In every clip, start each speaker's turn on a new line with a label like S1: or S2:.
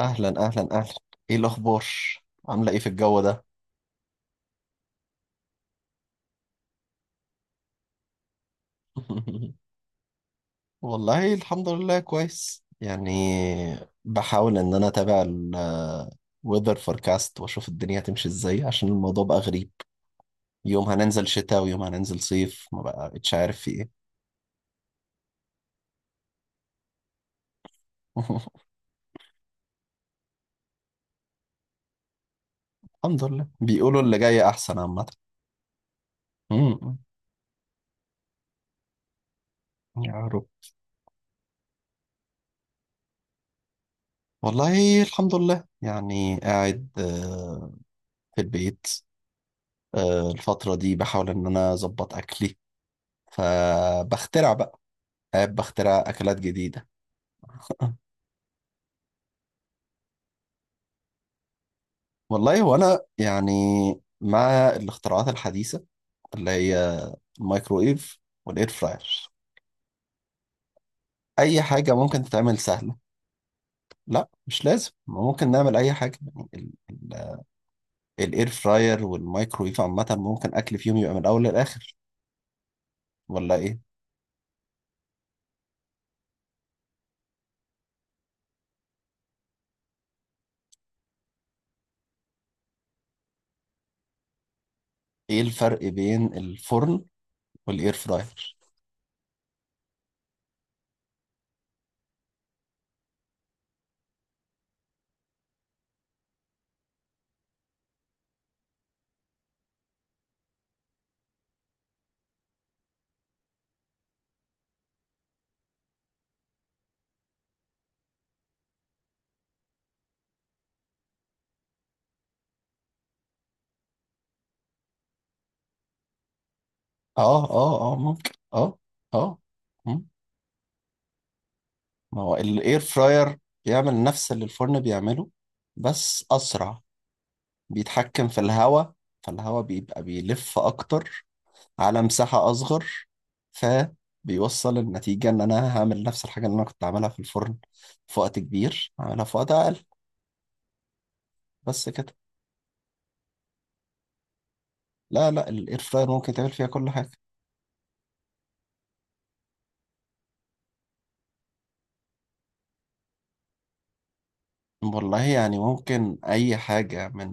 S1: اهلا اهلا اهلا، ايه الاخبار؟ عامله ايه في الجو ده؟ والله الحمد لله كويس يعني. بحاول ان انا اتابع الويذر فوركاست واشوف الدنيا هتمشي ازاي عشان الموضوع بقى غريب. يوم هننزل شتاء ويوم هننزل صيف ما بقتش عارف في ايه. الحمد لله بيقولوا اللي جاي احسن عامه. أمم. يا رب. والله الحمد لله يعني قاعد في البيت. الفترة دي بحاول إن أنا أظبط أكلي، فبخترع بقى، قاعد بخترع أكلات جديدة. والله وأنا يعني مع الاختراعات الحديثة اللي هي الميكرويف والإير فراير، أي حاجة ممكن تتعمل سهلة. لا مش لازم، ما ممكن نعمل أي حاجة يعني الإير فراير والميكرويف عامة ممكن أكل فيهم يبقى من الأول للآخر، ولا إيه؟ إيه الفرق بين الفرن والإير فراير؟ آه آه آه ممكن آه. آه. مم. ما هو الاير فراير بيعمل نفس اللي الفرن بيعمله، بس اسرع. بيتحكم في الهواء، فالهواء بيبقى بيلف اكتر على مساحة اصغر، فبيوصل النتيجة ان انا هعمل نفس الحاجة اللي انا كنت عاملها في الفرن في وقت كبير، هعملها في وقت اقل. بس كده. لا لا، الاير فراير ممكن تعمل فيها كل حاجة. والله يعني ممكن اي حاجة، من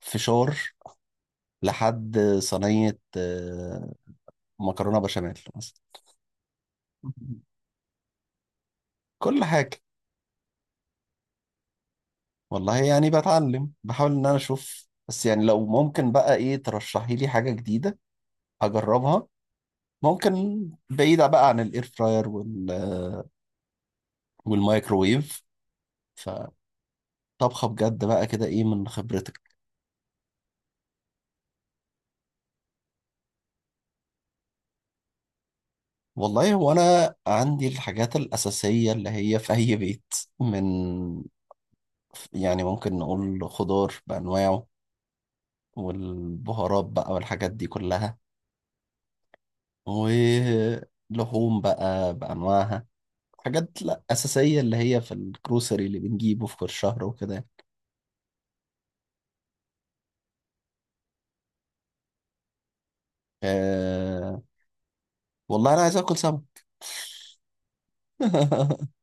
S1: فشار لحد صينية مكرونة بشاميل مثلا. كل حاجة. والله يعني بتعلم، بحاول ان انا اشوف، بس يعني لو ممكن بقى ايه ترشحي لي حاجة جديدة اجربها، ممكن بعيدة بقى عن الاير فراير والمايكرويف. فطبخة بجد بقى كده، ايه من خبرتك؟ والله هو انا عندي الحاجات الأساسية اللي هي في اي بيت، من يعني ممكن نقول خضار بأنواعه، والبهارات بقى والحاجات دي كلها، ولحوم بقى بأنواعها، حاجات لا أساسية اللي هي في الجروسري اللي بنجيبه في كل شهر وكده يعني. أه، والله أنا عايز آكل سمك.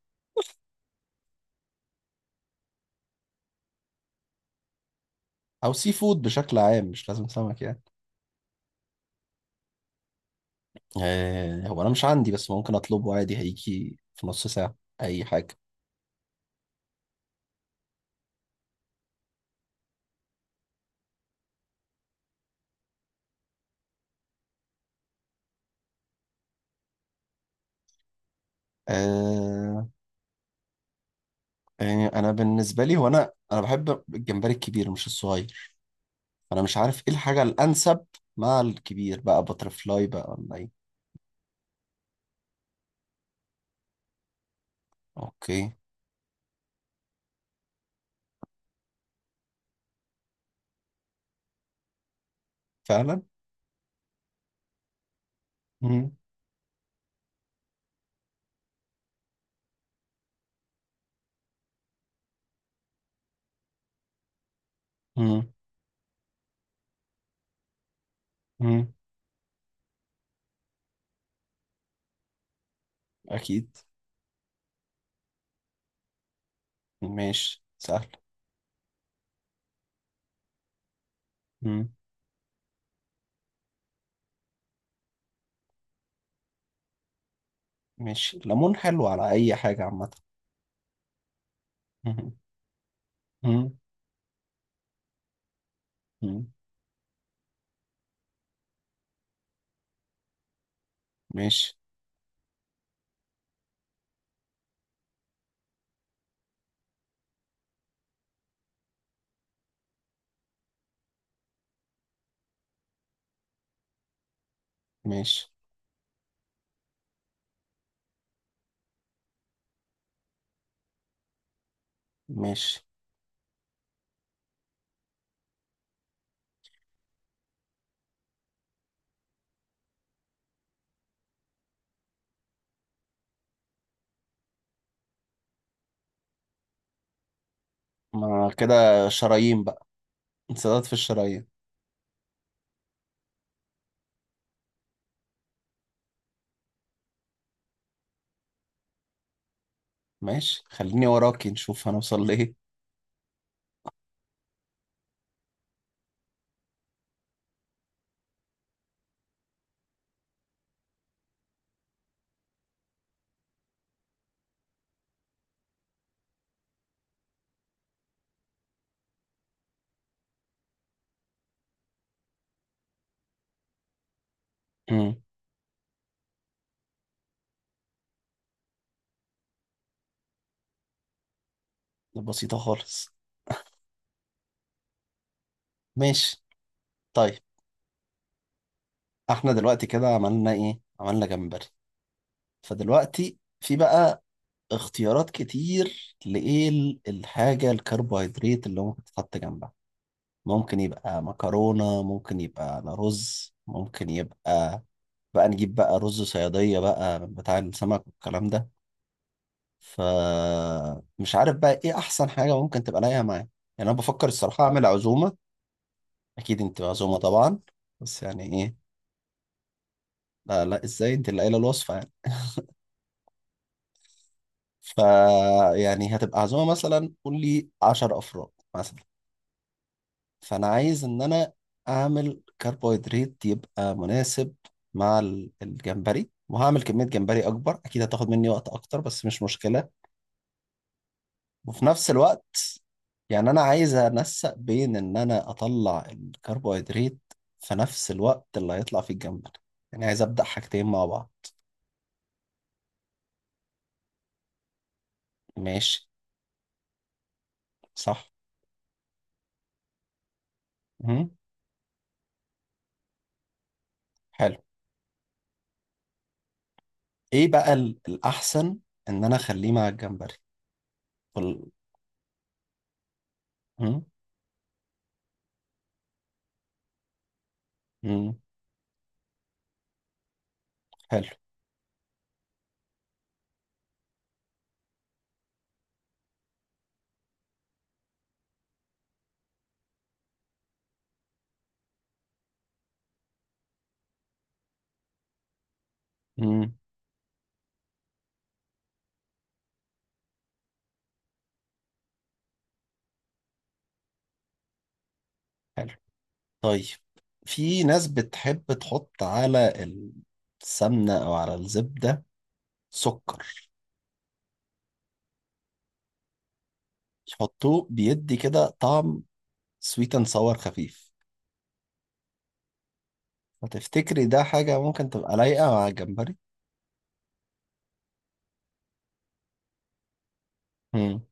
S1: أو سي فود بشكل عام، مش لازم سمك يعني. أه، هو أنا مش عندي بس ممكن أطلبه عادي، هيجي في نص ساعة. أي حاجة. أه، يعني أنا بالنسبة لي، هو أنا بحب الجمبري الكبير مش الصغير. أنا مش عارف إيه الحاجة الأنسب، مع الكبير بقى بترفلاي بقى، ولا إيه؟ أوكي. فعلا. مم. مم. مم. أكيد. ماشي سهل. مم. ماشي، ليمون حلو على أي حاجة عامة. مم. مم. مم. ماشي. ماشي. ماشي. ما كده، شرايين بقى، انسداد في الشرايين. ماشي، خليني وراكي نشوف هنوصل لإيه. مم. بسيطة خالص. ماشي. طيب، احنا دلوقتي كده عملنا إيه؟ عملنا جمبري. فدلوقتي في بقى اختيارات كتير، لإيه الحاجة الكربوهيدرات اللي ممكن تتحط جنبها. ممكن يبقى مكرونة، ممكن يبقى على رز، ممكن يبقى، بقى نجيب بقى رز صيادية بقى بتاع السمك والكلام ده. فمش عارف بقى ايه احسن حاجة ممكن تبقى لايقة معايا. يعني انا بفكر الصراحة اعمل عزومة، اكيد انت عزومة طبعا، بس يعني ايه. لا لا، ازاي، انت اللي قايلة الوصفة يعني. ف يعني هتبقى عزومة مثلا، قول لي 10 افراد مثلا. فانا عايز ان انا اعمل كربوهيدرات يبقى مناسب مع الجمبري، وهعمل كمية جمبري اكبر، اكيد هتاخد مني وقت اكتر بس مش مشكلة. وفي نفس الوقت يعني انا عايز انسق بين ان انا اطلع الكربوهيدرات في نفس الوقت اللي هيطلع فيه الجمبري، يعني عايز ابدا حاجتين مع بعض. ماشي. صح. مم. حلو. ايه بقى الاحسن، ان انا اخليه مع الجمبري وال... مم. مم. حلو. مم. حلو. طيب، في ناس بتحب تحط على السمنة او على الزبدة سكر، يحطوه بيدي كده، طعم سويت اند ساور خفيف. فتفتكري ده حاجة ممكن تبقى لايقة مع الجمبري؟ امم.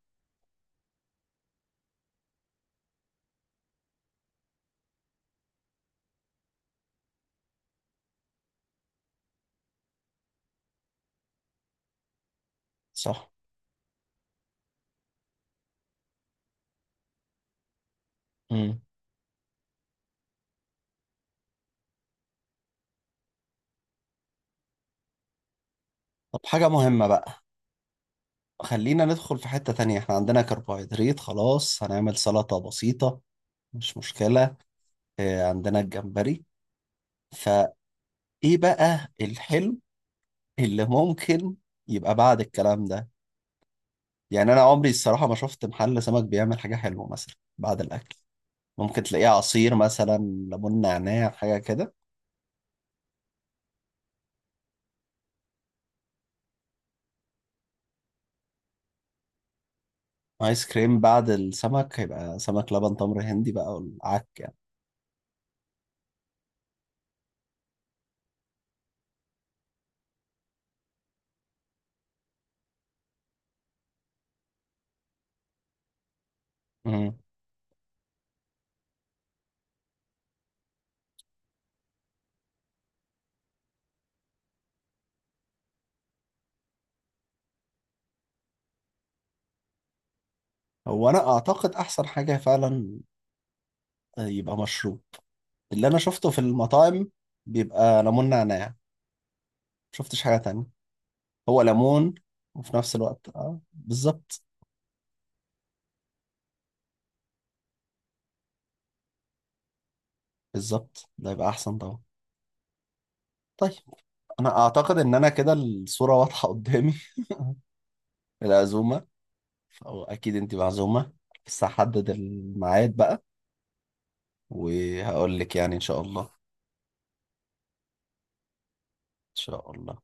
S1: صح. امم. طب، حاجة مهمة بقى، خلينا ندخل في حتة تانية. احنا عندنا كربوهيدرات خلاص، هنعمل سلطة بسيطة، مش مشكلة. اه عندنا الجمبري، فايه بقى الحلو اللي ممكن يبقى بعد الكلام ده؟ يعني انا عمري الصراحة ما شفت محل سمك بيعمل حاجة حلوة مثلا بعد الاكل. ممكن تلاقيه عصير مثلا، ليمون نعناع حاجة كده. ايس كريم بعد السمك هيبقى سمك لبن تمر هندي بقى والعك. مم. هو انا اعتقد احسن حاجه فعلا يبقى مشروب، اللي انا شفته في المطاعم بيبقى ليمون نعناع. شفتش حاجه تانية. هو ليمون، وفي نفس الوقت، اه بالظبط. بالظبط، ده يبقى احسن طبعا. طيب، انا اعتقد ان انا كده الصوره واضحه قدامي. العزومه، او اكيد انت معزومه، بس هحدد الميعاد بقى وهقول لك، يعني ان شاء الله ان شاء الله.